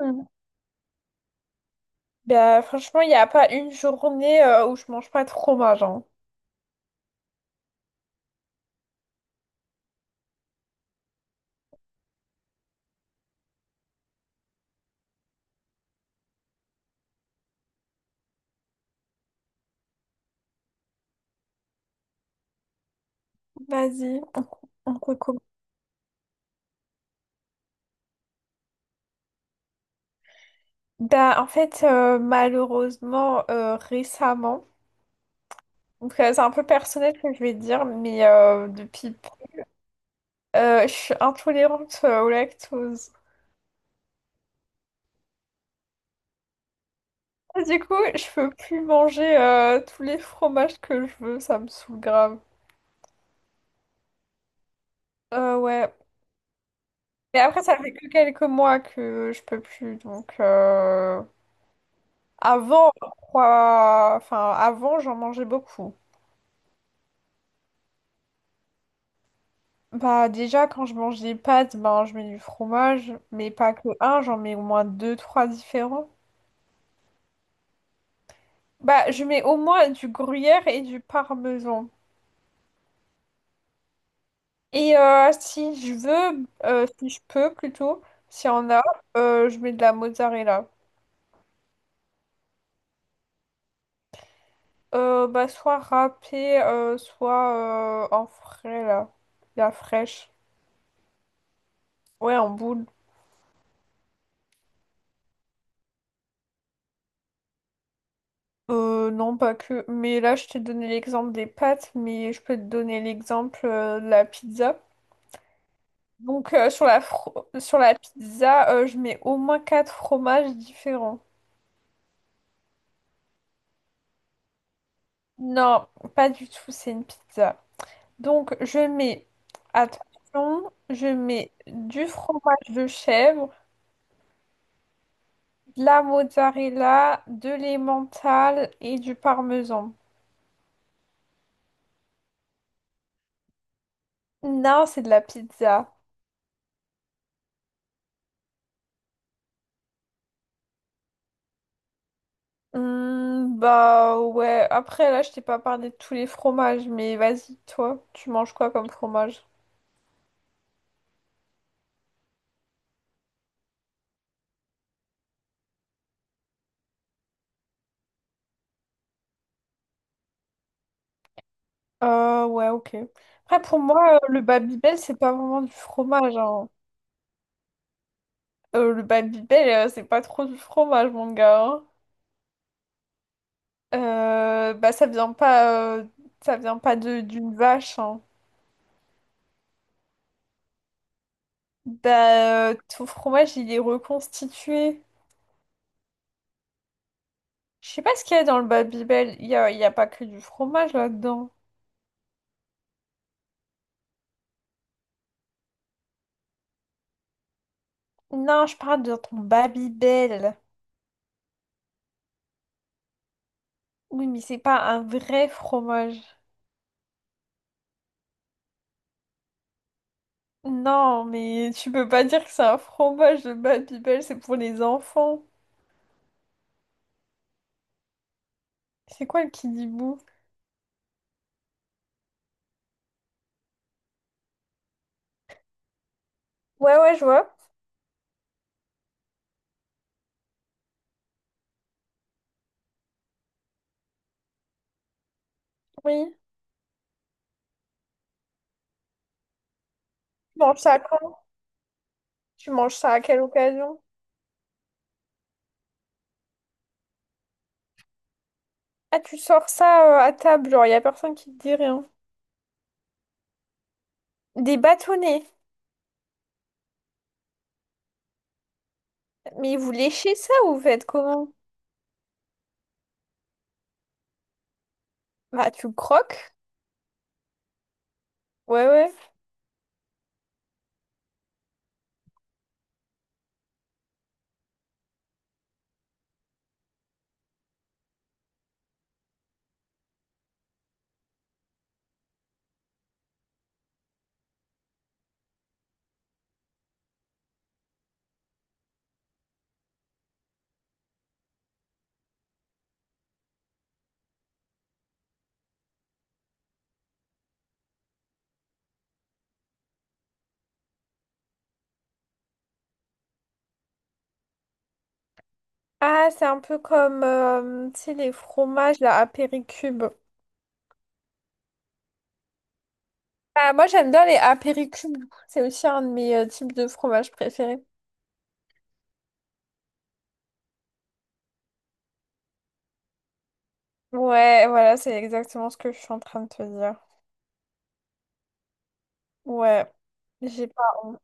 Mm. Bah, franchement, il n'y a pas une journée où je mange pas de fromage, hein. Vas-y, on recommence. Bah, en fait, malheureusement, récemment, donc, c'est un peu personnel ce que je vais dire, mais depuis, je suis intolérante au lactose. Et du coup, je peux plus manger tous les fromages que je veux, ça me saoule grave. Ouais. Mais après, ça fait que quelques mois que je peux plus, donc… Avant, quoi, enfin, avant, j'en mangeais beaucoup. Bah, déjà, quand je mange des pâtes, ben, je mets du fromage, mais pas que un, j'en mets au moins deux, trois différents. Bah, je mets au moins du gruyère et du parmesan. Et si je veux, si je peux plutôt, s'il y en a, je mets de la mozzarella. Bah, soit râpée, soit en frais, là, la fraîche. Ouais, en boule. Non, pas que. Mais là, je t'ai donné l'exemple des pâtes, mais je peux te donner l'exemple de la pizza. Donc, sur sur la pizza, je mets au moins quatre fromages différents. Non, pas du tout, c'est une pizza. Donc, je mets, attention, je mets du fromage de chèvre, de la mozzarella, de l'emmental et du parmesan. Non, c'est de la pizza. Hmm, bah ouais, après là je t'ai pas parlé de tous les fromages, mais vas-y, toi, tu manges quoi comme fromage? Ouais, ok. Après pour moi, le Babybel c'est pas vraiment du fromage, hein. Le Babybel c'est pas trop du fromage, mon gars, hein. Bah ça vient pas de d'une vache, hein. Bah ton fromage il est reconstitué. Je sais pas ce qu'il y a dans le Babybel, il y a pas que du fromage là-dedans. Non, je parle de ton Babybel. Oui, mais c'est pas un vrai fromage. Non, mais tu peux pas dire que c'est un fromage de Bad People, c'est pour les enfants. C'est quoi le Kidibou? Ouais, ouais, je vois. Oui. Tu manges ça quand? Tu manges ça à quelle occasion? Ah, tu sors ça à table, genre, y a personne qui te dit rien. Des bâtonnets. Mais vous léchez ça ou vous faites comment? Bah, tu croques. Ouais, ouais. Ah, c'est un peu comme, tu sais, les fromages, là, à Péricube. Ah, moi, j'aime bien les apéricubes. C'est aussi un de mes types de fromage préférés. Ouais, voilà, c'est exactement ce que je suis en train de te dire. Ouais, j'ai pas honte.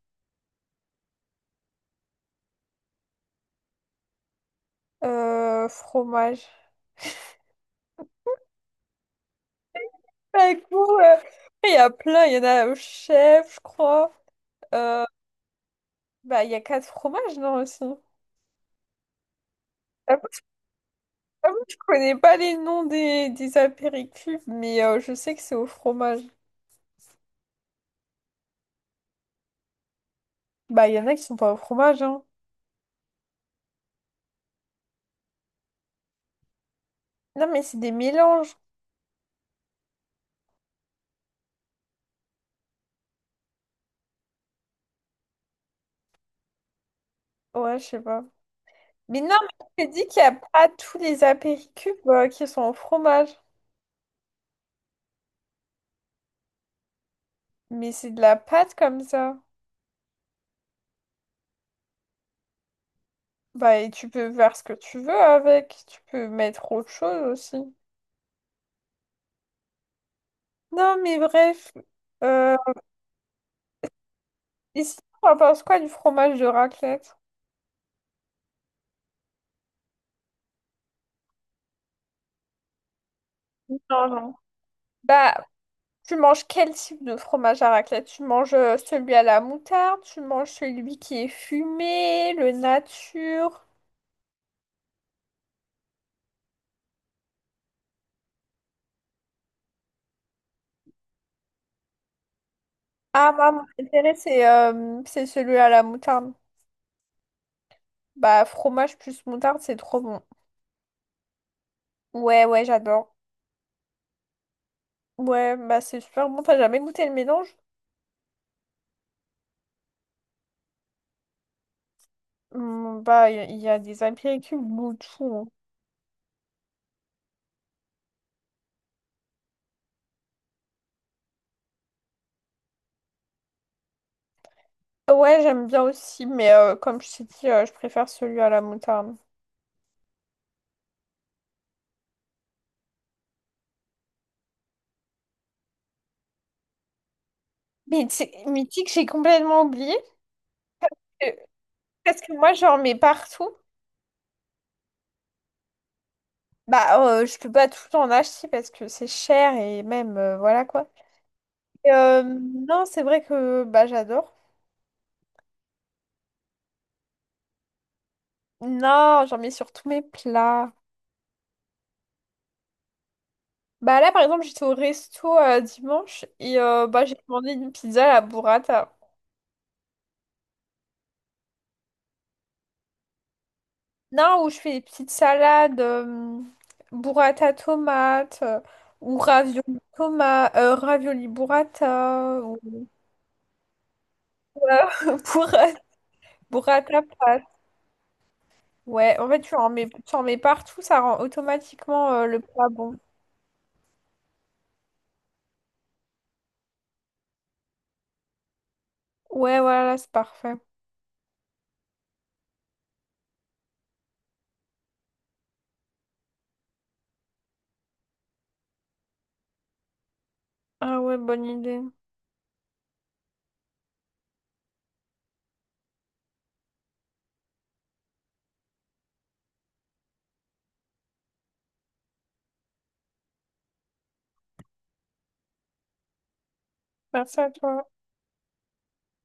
Fromage. Bah, écoute, il y a plein, il y en a au chef, je crois. Euh, bah, il y a quatre fromages, non, aussi. J'avoue, j'avoue, je connais pas les noms des apéricubes, mais je sais que c'est au fromage. Bah, il y en a qui sont pas au fromage, hein. Non, mais c'est des mélanges. Ouais, je sais pas. Mais non, mais je te dis qu'il n'y a pas tous les apéricubes qui sont au fromage. Mais c'est de la pâte comme ça. Bah, et tu peux faire ce que tu veux avec. Tu peux mettre autre chose aussi. Non, mais bref. Euh, et sinon, on pense quoi du fromage de raclette? Non, non. Bah, tu manges quel type de fromage à raclette? Tu manges celui à la moutarde, tu manges celui qui est fumé, le nature. Ah, moi, mon préféré, c'est celui à la moutarde. Bah, fromage plus moutarde, c'est trop bon. Ouais, ouais, j'adore. Ouais, bah, c'est super bon. T'as jamais goûté le mélange? Hmm, bah, il y a des apéritifs de tout, hein. Ouais, j'aime bien aussi, mais comme je t'ai dit, je préfère celui à la moutarde. Mais tu sais que j'ai complètement oublié. euh, Parce que moi, j'en mets partout. Bah, je peux pas tout le temps en acheter parce que c'est cher et même, voilà quoi. Et, non, c'est vrai que bah, j'adore. Non, j'en mets sur tous mes plats. Bah là, par exemple, j'étais au resto dimanche et bah, j'ai commandé une pizza à la burrata. Non, où je fais des petites salades, burrata tomate ou ravioli tomate, ravioli burrata ou burrata, burrata pâte. Ouais, en fait, tu en mets partout, ça rend automatiquement le plat bon. Ouais, voilà, c'est parfait. Ah ouais, bonne idée. Merci à toi.